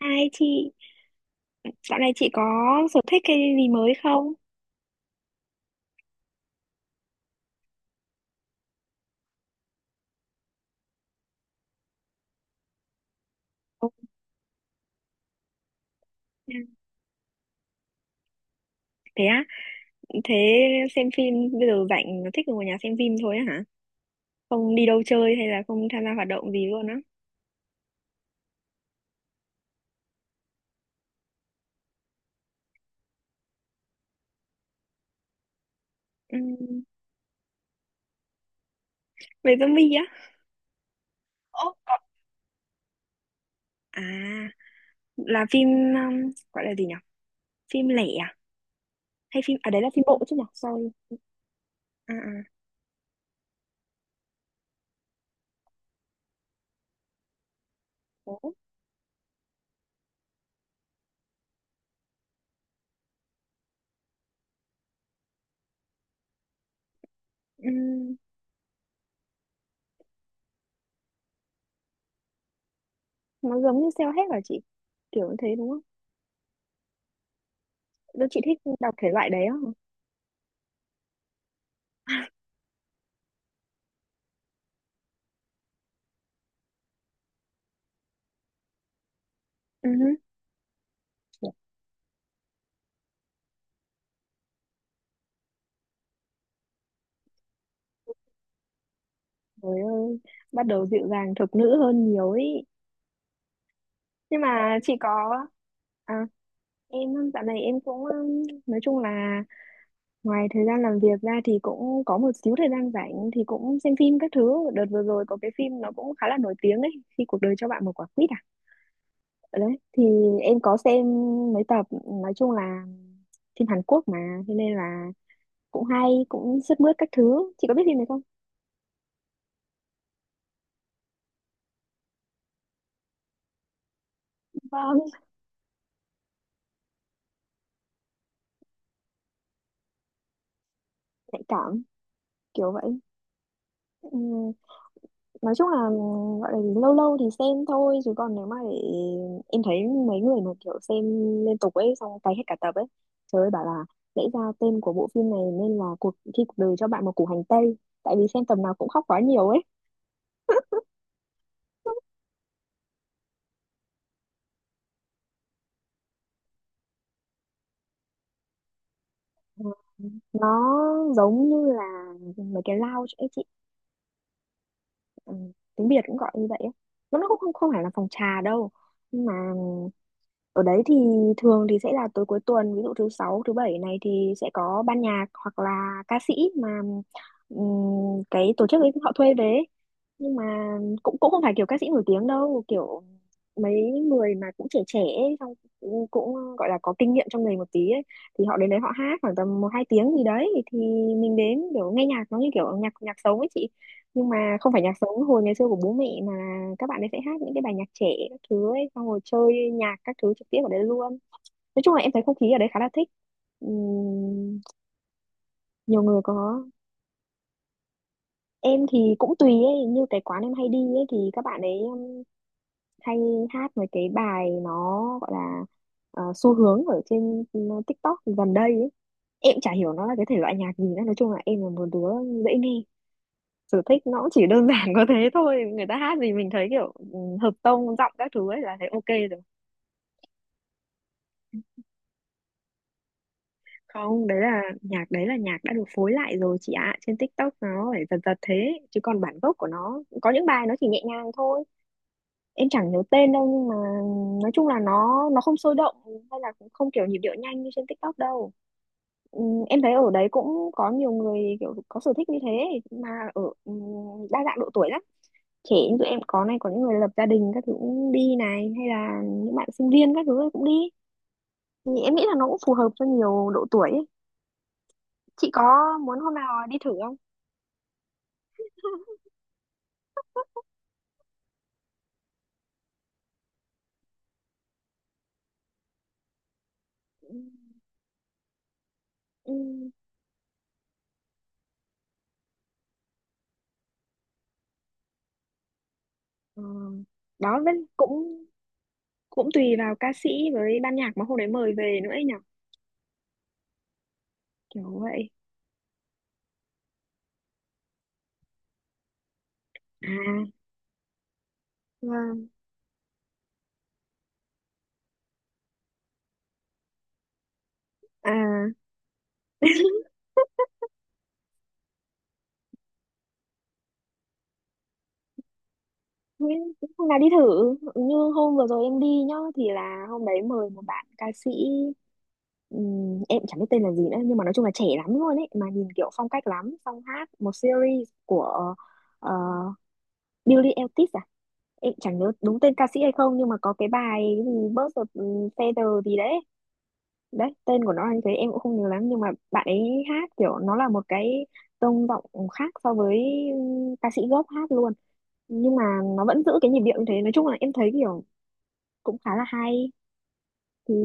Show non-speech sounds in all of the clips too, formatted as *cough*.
Hai chị, dạo này chị có sở thích cái gì mới không? Ồ. Thế á, thế xem phim bây giờ rảnh thích ngồi nhà xem phim thôi á hả? Không đi đâu chơi hay là không tham gia hoạt động gì luôn á? Ừm, về zombie á? À, là phim gọi là gì nhỉ? Phim lẻ à? Hay phim, à đấy là phim bộ chứ nhỉ? Sorry. À à, đó. Ừm, nó giống như self-help hả chị? Kiểu như thế đúng không? Đâu chị thích đọc thể loại đấy á hả? Ừ. Trời ơi, bắt đầu dịu dàng thục nữ hơn nhiều ấy. Nhưng mà chị có à, em dạo này em cũng nói chung là ngoài thời gian làm việc ra thì cũng có một xíu thời gian rảnh thì cũng xem phim các thứ. Đợt vừa rồi có cái phim nó cũng khá là nổi tiếng ấy, khi cuộc đời cho bạn một quả quýt à. Ở đấy thì em có xem mấy tập, nói chung là phim Hàn Quốc mà, thế nên là cũng hay cũng sướt mướt các thứ. Chị có biết phim này không? Vâng. Nhạy cảm kiểu vậy. Ừ, nói chung là gọi là gì, lâu lâu thì xem thôi chứ còn nếu mà để em thấy mấy người mà kiểu xem liên tục ấy xong cày hết cả tập ấy, trời ơi bảo là lẽ ra tên của bộ phim này nên là cuộc khi cuộc đời cho bạn một củ hành tây, tại vì xem tập nào cũng khóc quá nhiều ấy. Ừ. Nó giống như là mấy cái lounge ấy chị, ừ, tiếng Việt cũng gọi như vậy ấy. Mà nó cũng không không phải là phòng trà đâu, nhưng mà ở đấy thì thường thì sẽ là tối cuối tuần, ví dụ thứ sáu, thứ bảy này thì sẽ có ban nhạc hoặc là ca sĩ mà cái tổ chức ấy họ thuê về ấy. Nhưng mà cũng cũng không phải kiểu ca sĩ nổi tiếng đâu, kiểu mấy người mà cũng trẻ trẻ ấy, xong cũng, cũng gọi là có kinh nghiệm trong nghề một tí ấy, thì họ đến đấy họ hát khoảng tầm một hai tiếng gì đấy thì mình đến kiểu nghe nhạc, nó như kiểu nhạc nhạc sống ấy chị, nhưng mà không phải nhạc sống hồi ngày xưa của bố mẹ mà là các bạn ấy sẽ hát những cái bài nhạc trẻ các thứ ấy, xong rồi chơi nhạc các thứ trực tiếp ở đấy luôn. Nói chung là em thấy không khí ở đấy khá là thích. Ừm, nhiều người có. Em thì cũng tùy ấy, như cái quán em hay đi ấy thì các bạn ấy hay hát mấy cái bài nó gọi là ờ, xu hướng ở trên TikTok gần đây ấy. Em chả hiểu nó là cái thể loại nhạc gì nữa, nói chung là em là một đứa dễ nghe, sở thích nó cũng chỉ đơn *laughs* giản có thế thôi, người ta hát gì mình thấy kiểu ừ, hợp tông giọng các thứ ấy là thấy ok rồi. Không, đấy là nhạc, đấy là nhạc đã được phối lại rồi chị ạ, trên TikTok nó phải giật giật thế chứ còn bản gốc của nó có những bài nó chỉ nhẹ nhàng thôi. Em chẳng nhớ tên đâu, nhưng mà nói chung là nó không sôi động hay là cũng không kiểu nhịp điệu nhanh như trên TikTok đâu. Ừ, em thấy ở đấy cũng có nhiều người kiểu có sở thích như thế, mà ở ừ, đa dạng độ tuổi lắm. Trẻ như tụi em có này, có những người lập gia đình các thứ cũng đi này, hay là những bạn sinh viên các thứ ấy cũng đi, thì em nghĩ là nó cũng phù hợp cho nhiều độ tuổi ấy. Chị có muốn hôm nào đi thử không? *laughs* Ừ, ừ, ờ, đó vẫn cũng cũng tùy vào ca sĩ với ban nhạc mà hôm đấy mời về nữa ấy nhở. Kiểu vậy. À, vâng. À thế cũng hôm nào đi thử, như hôm vừa rồi em đi nhá, thì là hôm đấy mời một bạn ca sĩ em chẳng biết tên là gì nữa, nhưng mà nói chung là trẻ lắm luôn ấy, mà nhìn kiểu phong cách lắm, xong hát một series của ờ, Billie Eilish à, em chẳng nhớ đúng tên ca sĩ hay không nhưng mà có cái bài cái gì Birds of Feather gì đấy, đấy tên của nó là như thế em cũng không nhớ lắm, nhưng mà bạn ấy hát kiểu nó là một cái tông giọng khác so với ừ, ca sĩ gốc hát luôn, nhưng mà nó vẫn giữ cái nhịp điệu như thế. Nói chung là em thấy kiểu cũng khá là hay, thì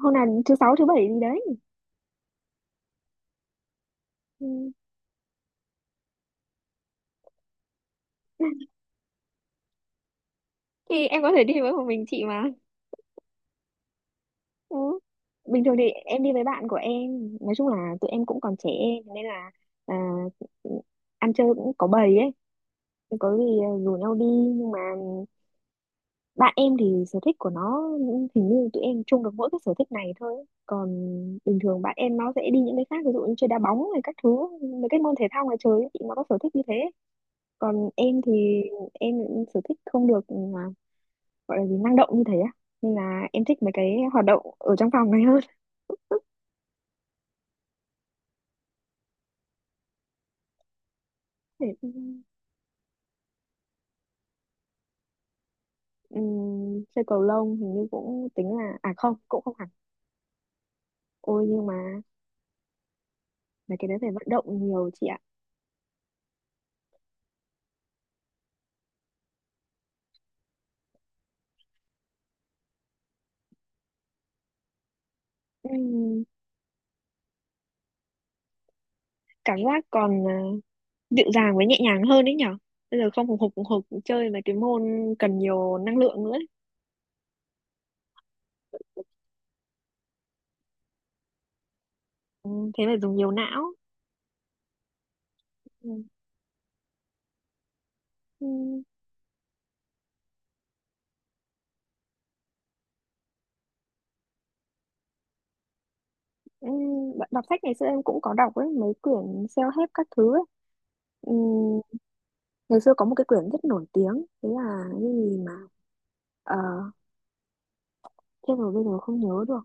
hôm nào thứ sáu thứ bảy gì đấy. Ừ. *laughs* Thì em có thể đi với một mình chị mà. Ừ. Bình thường thì em đi với bạn của em, nói chung là tụi em cũng còn trẻ nên là à, ăn chơi cũng có bầy ấy, có gì rủ nhau đi. Nhưng mà bạn em thì sở thích của nó, hình như tụi em chung được mỗi cái sở thích này thôi ấy. Còn bình thường bạn em nó sẽ đi những cái khác, ví dụ như chơi đá bóng hay các thứ, mấy cái môn thể thao ngoài trời ấy, chị nó có sở thích như thế. Còn em thì em sở thích không được ừ, mà gọi là gì năng động như thế á, nên là em thích mấy cái hoạt động ở trong phòng này hơn. *laughs* Để, chơi cầu lông hình như cũng tính là à không cũng không hẳn. Ôi nhưng mà mấy cái đấy phải vận động nhiều chị ạ. Ừm, cảm giác còn à, dịu dàng với nhẹ nhàng hơn đấy nhở, bây giờ không hùng hục hùng hục chơi mấy cái môn cần nhiều năng lượng nữa ấy. Ừ, thế phải dùng nhiều não. Ừ. Ừ. Ừ. Đ- đọc sách ngày xưa em cũng có đọc ấy, mấy quyển self-help các thứ ấy. Ừ. Ngày xưa có một cái quyển rất nổi tiếng, thế là cái gì mà ờ, thế rồi bây giờ không nhớ được.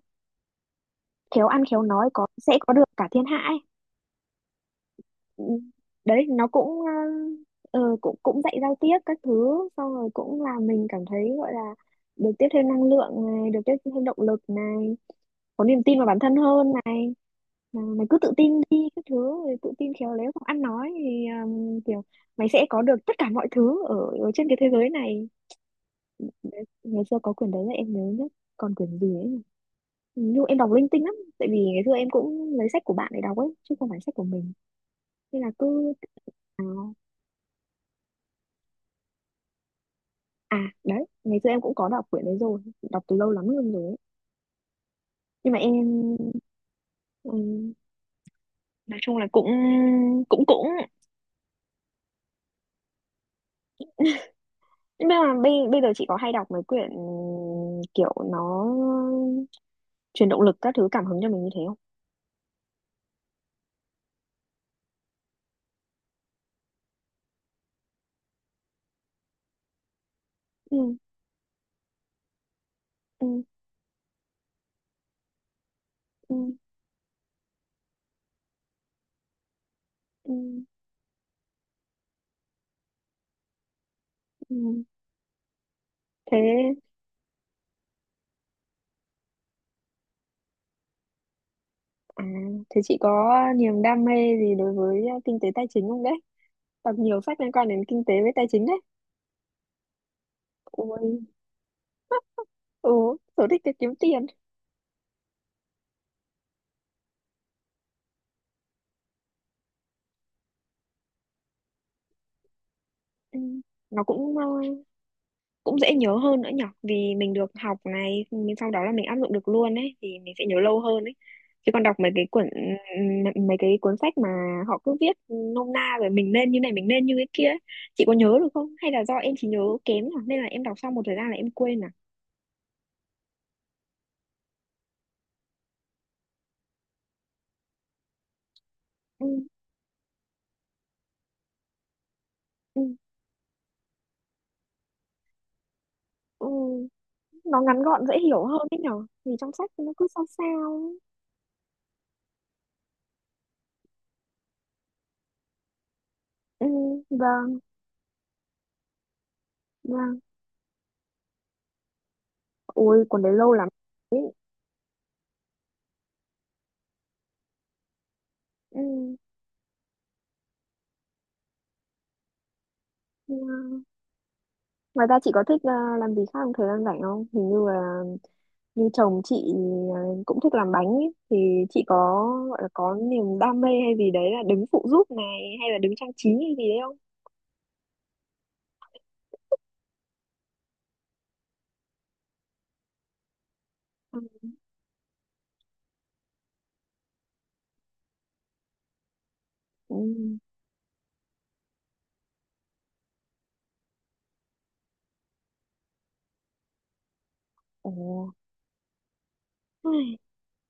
Khéo ăn khéo nói có sẽ có được cả thiên hạ ấy. Ừ, đấy nó cũng ờ, ờ, cũng cũng dạy giao tiếp các thứ, xong rồi cũng làm mình cảm thấy gọi là được tiếp thêm năng lượng này, được tiếp thêm động lực này, có niềm tin vào bản thân hơn này, mà mày cứ tự tin đi các thứ rồi tự tin khéo léo không ăn nói thì kiểu mày sẽ có được tất cả mọi thứ ở, ở trên cái thế giới này. Đấy, ngày xưa có quyển đấy là em nhớ nhất, còn quyển gì ấy nhỉ? Nhưng em đọc linh tinh lắm, tại vì ngày xưa em cũng lấy sách của bạn để đọc ấy chứ không phải sách của mình, nên là cứ à. À đấy, ngày xưa em cũng có đọc quyển đấy rồi, đọc từ lâu lắm luôn rồi ấy. Nhưng mà em ừm, nói chung là cũng cũng cũng, nhưng mà bây bây giờ chị có hay đọc mấy quyển kiểu nó truyền động lực các thứ cảm hứng cho mình như thế không? Ừ, ừ, ừ, ừ, ừ. Thế à, thế chị có niềm đam mê gì đối với à, kinh tế tài chính không đấy? Đọc nhiều sách liên quan đến kinh tế với tài chính đấy. Ôi, ừ, sở thích là kiếm tiền. Ừ. Nó cũng ờ, cũng dễ nhớ hơn nữa nhở, vì mình được học này mình sau đó là mình áp dụng được luôn ấy thì mình sẽ nhớ lâu hơn ấy, chứ còn đọc mấy cái quyển m- mấy cái cuốn sách mà họ cứ viết nôm na rồi mình nên như này mình nên như cái kia ấy. Chị có nhớ được không, hay là do em chỉ nhớ kém nhở nên là em đọc xong một thời gian là em quên? À ừ, ừ, ừ. Nó ngắn gọn dễ hiểu hơn ấy nhở, vì trong sách nó cứ sao sao ấy. Ừ, vâng vâng, ôi cuốn đấy lâu lắm. Ừ. Yeah. Ngoài ra chị có thích ờ, làm gì khác trong thời gian rảnh không? Hình như là như chồng chị ờ, cũng thích làm bánh ấy, thì chị có gọi là có niềm đam mê hay gì đấy là đứng phụ giúp này hay là đứng trang trí hay gì đấy không? Ừ. Ồ. Ôi,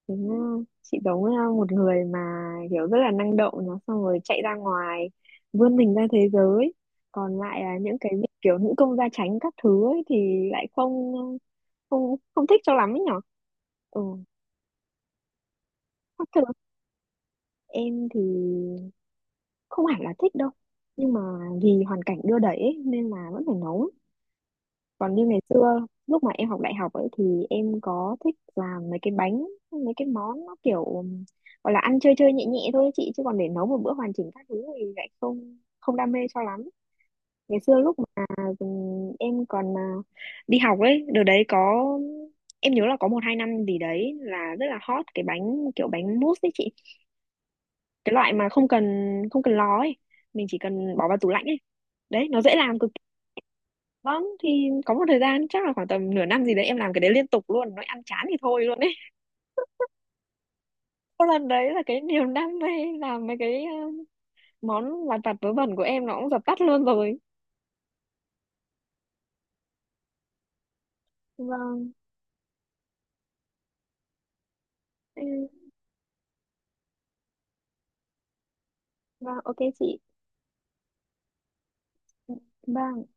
thế nha. Chị giống ờ, một người mà kiểu rất là năng động, nó xong rồi chạy ra ngoài vươn mình ra thế giới, còn lại là những cái việc kiểu nữ công gia chánh các thứ ấy thì lại không không không thích cho lắm ấy nhở. Ừ. Khác thường, em thì không hẳn là thích đâu, nhưng mà vì hoàn cảnh đưa đẩy ấy, nên là vẫn phải nấu. Còn như ngày xưa lúc mà em học đại học ấy thì em có thích làm mấy cái bánh mấy cái món nó kiểu gọi là ăn chơi chơi nhẹ nhẹ thôi ấy chị, chứ còn để nấu một bữa hoàn chỉnh các thứ thì lại không không đam mê cho lắm. Ngày xưa lúc mà em còn à, đi học ấy, đợt đấy có em nhớ là có một hai năm gì đấy là rất là hot cái bánh kiểu bánh mousse ấy chị, cái loại mà không cần lò ấy, mình chỉ cần bỏ vào tủ lạnh ấy, đấy nó dễ làm cực kỳ. Vâng, thì có một thời gian chắc là khoảng tầm nửa năm gì đấy em làm cái đấy liên tục luôn, nó ăn chán thì thôi luôn ấy. *laughs* Có lần đấy là cái niềm đam mê làm mấy cái ờ, món lặt vặt vớ vẩn của em nó cũng dập tắt luôn rồi. Vâng. Vâng, ừ, vâng, ok chị. Ừ, bye.